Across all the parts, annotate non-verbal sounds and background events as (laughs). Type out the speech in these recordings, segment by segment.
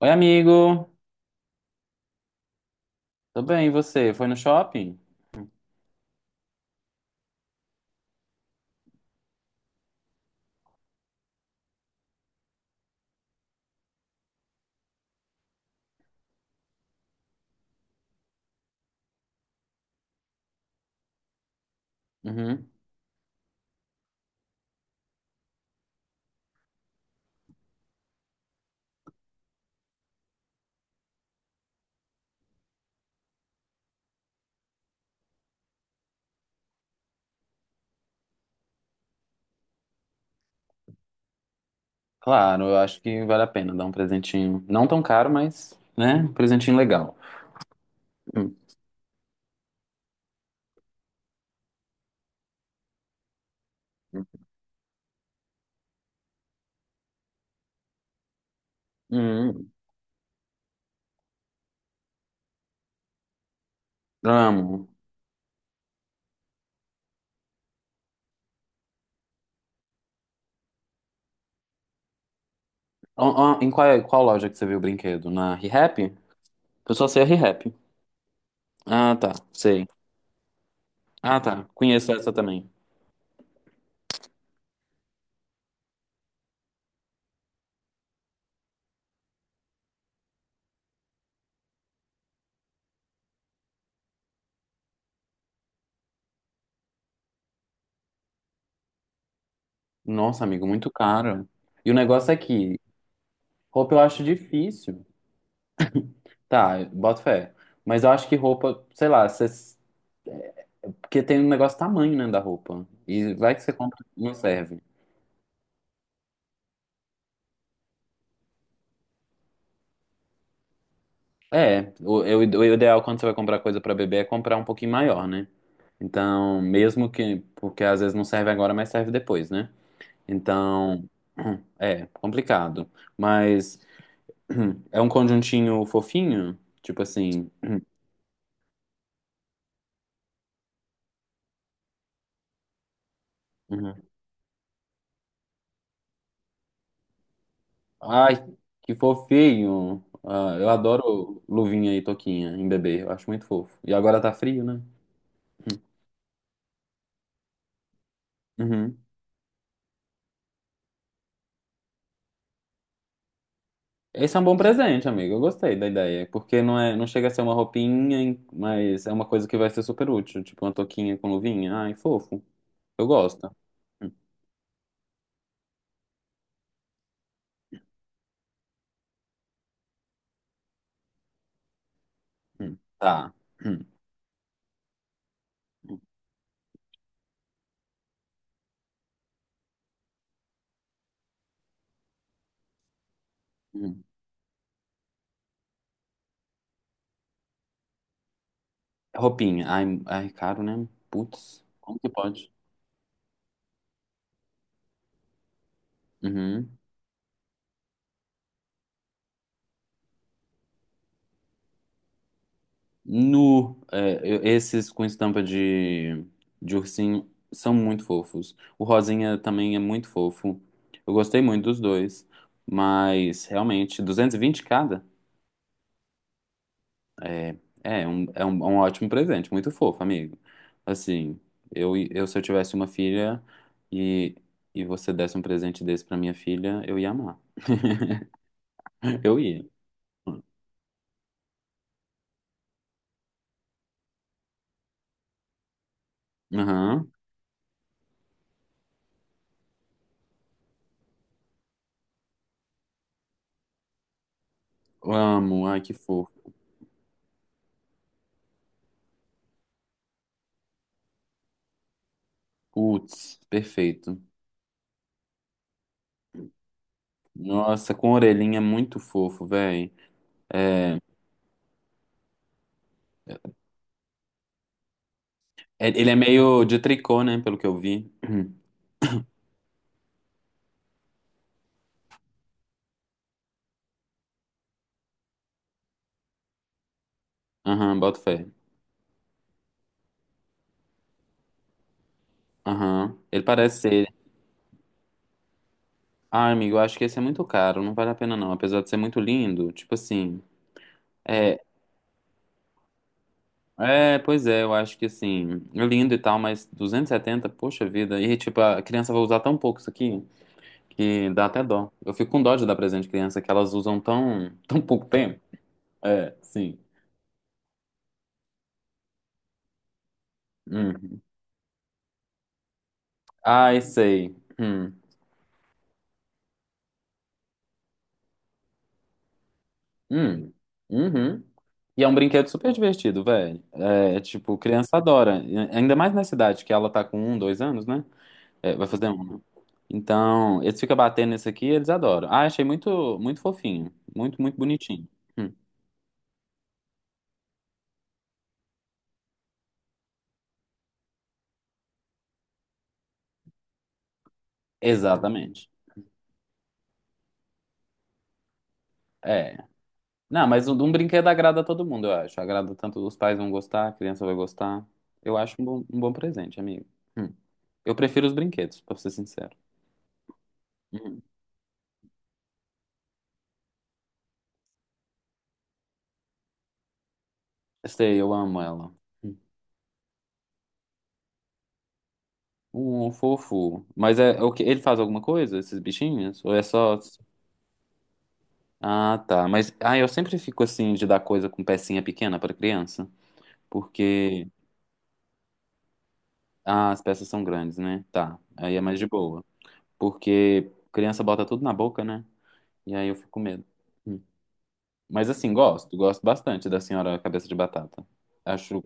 Oi, amigo. Tudo bem, e você? Foi no shopping? Uhum. Claro, eu acho que vale a pena dar um presentinho. Não tão caro, mas, né? Um presentinho legal. Hum. Hum. Amo. Ó, ó, em qual loja que você viu o brinquedo? Na Rehap? Eu só sei a Rehap. Ah, tá. Sei. Ah, tá. Conheço essa também. Nossa, amigo, muito caro. E o negócio é que roupa eu acho difícil. Tá, boto fé. Mas eu acho que roupa, sei lá, você porque tem um negócio tamanho, né, da roupa. E vai que você compra, não serve. É, o ideal quando você vai comprar coisa pra bebê é comprar um pouquinho maior, né? Então, mesmo que. Porque às vezes não serve agora, mas serve depois, né? Então. (clears throat) É, complicado. Mas. (clears throat) É um conjuntinho fofinho? Tipo assim. (clears throat) Uhum. Ai, que fofinho! Ah, eu adoro luvinha e toquinha em bebê. Eu acho muito fofo. E agora tá frio, né? Uhum. Esse é um bom presente, amigo. Eu gostei da ideia, porque não é, não chega a ser uma roupinha, mas é uma coisa que vai ser super útil, tipo uma touquinha com luvinha. Ai, fofo. Eu gosto. Hum, Tá. Hum, hum. Roupinha. Ai, ai, caro, né? Putz, como que pode? Uhum. Nu, é, esses com estampa de, ursinho são muito fofos. O rosinha também é muito fofo. Eu gostei muito dos dois, mas realmente, 220 cada? É, é um ótimo presente, muito fofo, amigo. Assim, eu se eu tivesse uma filha e, e você desse um presente desse pra minha filha, eu ia amar. Eu ia. Aham. Amo, ai que fofo. Putz, perfeito. Nossa, com orelhinha muito fofo, velho. Ele é meio de tricô, né, pelo que eu vi. Aham, boto fé. Aham. Ele parece ser. Ah, amigo, eu acho que esse é muito caro, não vale a pena não. Apesar de ser muito lindo, tipo assim. É, é, pois é, eu acho que assim, é lindo e tal, mas 270, poxa vida. E tipo, a criança vai usar tão pouco isso aqui que dá até dó. Eu fico com dó de dar presente de criança que elas usam tão, (laughs) tão pouco tempo. É, sim. Hum. Ai, sei. Hum. Hum. Uhum. E é um brinquedo super divertido, velho. É, tipo, criança adora. Ainda mais na cidade, que ela tá com um, dois anos, né? É, vai fazer um. Né? Então, eles ficam batendo nesse aqui e eles adoram. Ah, achei muito, muito fofinho. Muito, muito bonitinho. Hum. Exatamente. É. Não, mas um brinquedo agrada a todo mundo, eu acho. Agrada tanto, os pais vão gostar, a criança vai gostar. Eu acho um bom presente, amigo. Hum. Eu prefiro os brinquedos, pra ser sincero. Hum. Sei, eu amo ela. Hum. Um fofo. Mas é, é o que ele faz alguma coisa, esses bichinhos? Ou é só. Ah, tá. Mas ah, eu sempre fico assim de dar coisa com pecinha pequena pra criança, porque as peças são grandes, né? Tá. Aí é mais de boa. Porque criança bota tudo na boca, né? E aí eu fico com medo. Hum. Mas assim, gosto, gosto bastante da senhora cabeça de batata. Acho,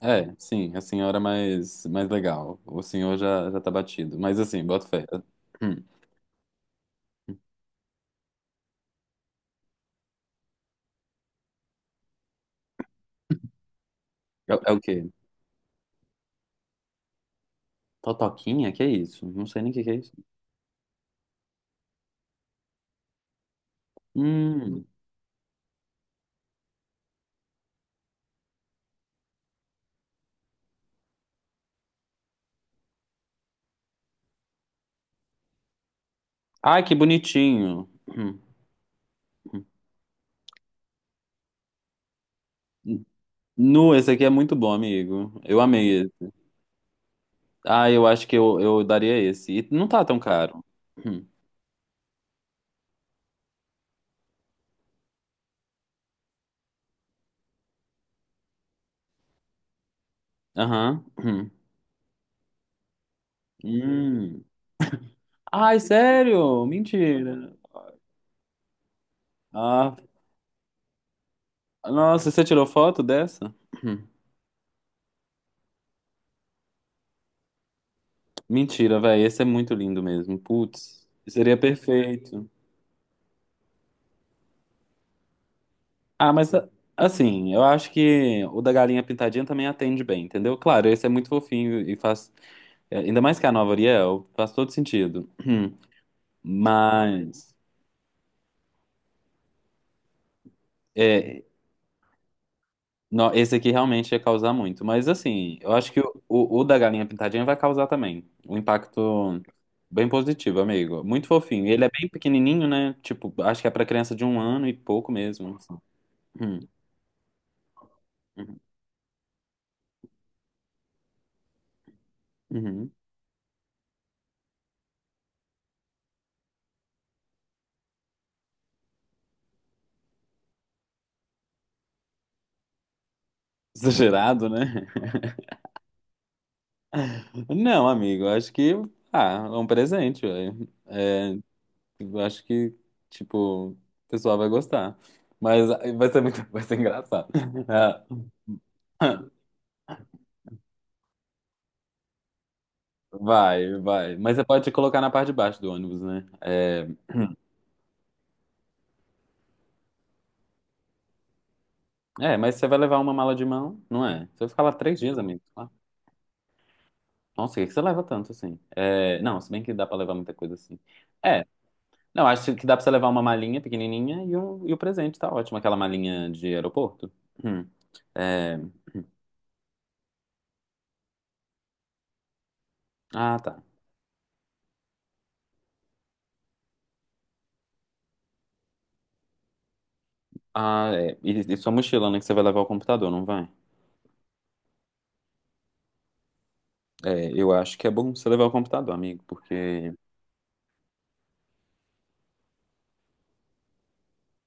é, sim, a senhora mais legal. O senhor já já tá batido. Mas assim, boto fé. Hum. É, é o quê? Totoquinha? Que é isso? Não sei nem o que que é isso. Hum. Ai, que bonitinho. Hum. Hum. Nu, esse aqui é muito bom, amigo. Eu amei esse. Ah, eu acho que eu daria esse. E não tá tão caro. Hum. Aham. Hum. Hum. Ai, sério? Mentira. Ah, nossa, você tirou foto dessa? Hum. Mentira, velho. Esse é muito lindo mesmo. Putz, seria perfeito. Ah, mas assim, eu acho que o da galinha pintadinha também atende bem, entendeu? Claro, esse é muito fofinho e faz. É, ainda mais que a nova Ariel, faz todo sentido. (clears throat) Hum. Mas. É, não, esse aqui realmente ia causar muito. Mas assim, eu acho que o da galinha pintadinha vai causar também. Um impacto bem positivo, amigo. Muito fofinho. Ele é bem pequenininho, né? Tipo, acho que é pra criança de um ano e pouco mesmo. Assim. Hum, uhum, uhum. Exagerado, né? (laughs) Não, amigo, acho que. Ah, é um presente, velho. É, eu acho que, tipo, o pessoal vai gostar. Mas ah, vai ser muito, (laughs) vai ser engraçado. (laughs) É. Vai, vai. Mas você pode colocar na parte de baixo do ônibus, né? É, é, mas você vai levar uma mala de mão, não é? Você vai ficar lá 3 dias, amigo. Ah, nossa, o que que você leva tanto assim? É, não, se bem que dá pra levar muita coisa assim. É, não, acho que dá pra você levar uma malinha pequenininha e, um, e o presente, tá ótimo. Aquela malinha de aeroporto. Hum, é, ah, tá. Ah, é. E sua mochila, né? Que você vai levar o computador, não vai? É, eu acho que é bom você levar o computador, amigo, porque.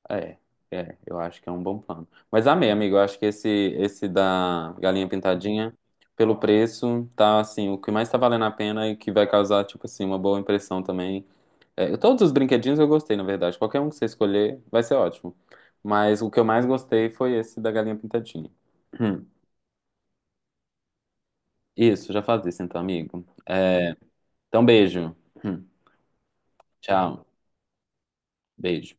É, é, eu acho que é um bom plano. Mas amei, amigo, eu acho que esse da galinha pintadinha, pelo preço, tá assim, o que mais tá valendo a pena e que vai causar, tipo assim, uma boa impressão também. É, todos os brinquedinhos eu gostei, na verdade. Qualquer um que você escolher vai ser ótimo. Mas o que eu mais gostei foi esse da galinha pintadinha. Hum. Isso, já faz isso então, amigo. É, então, beijo. Hum. Tchau, beijo.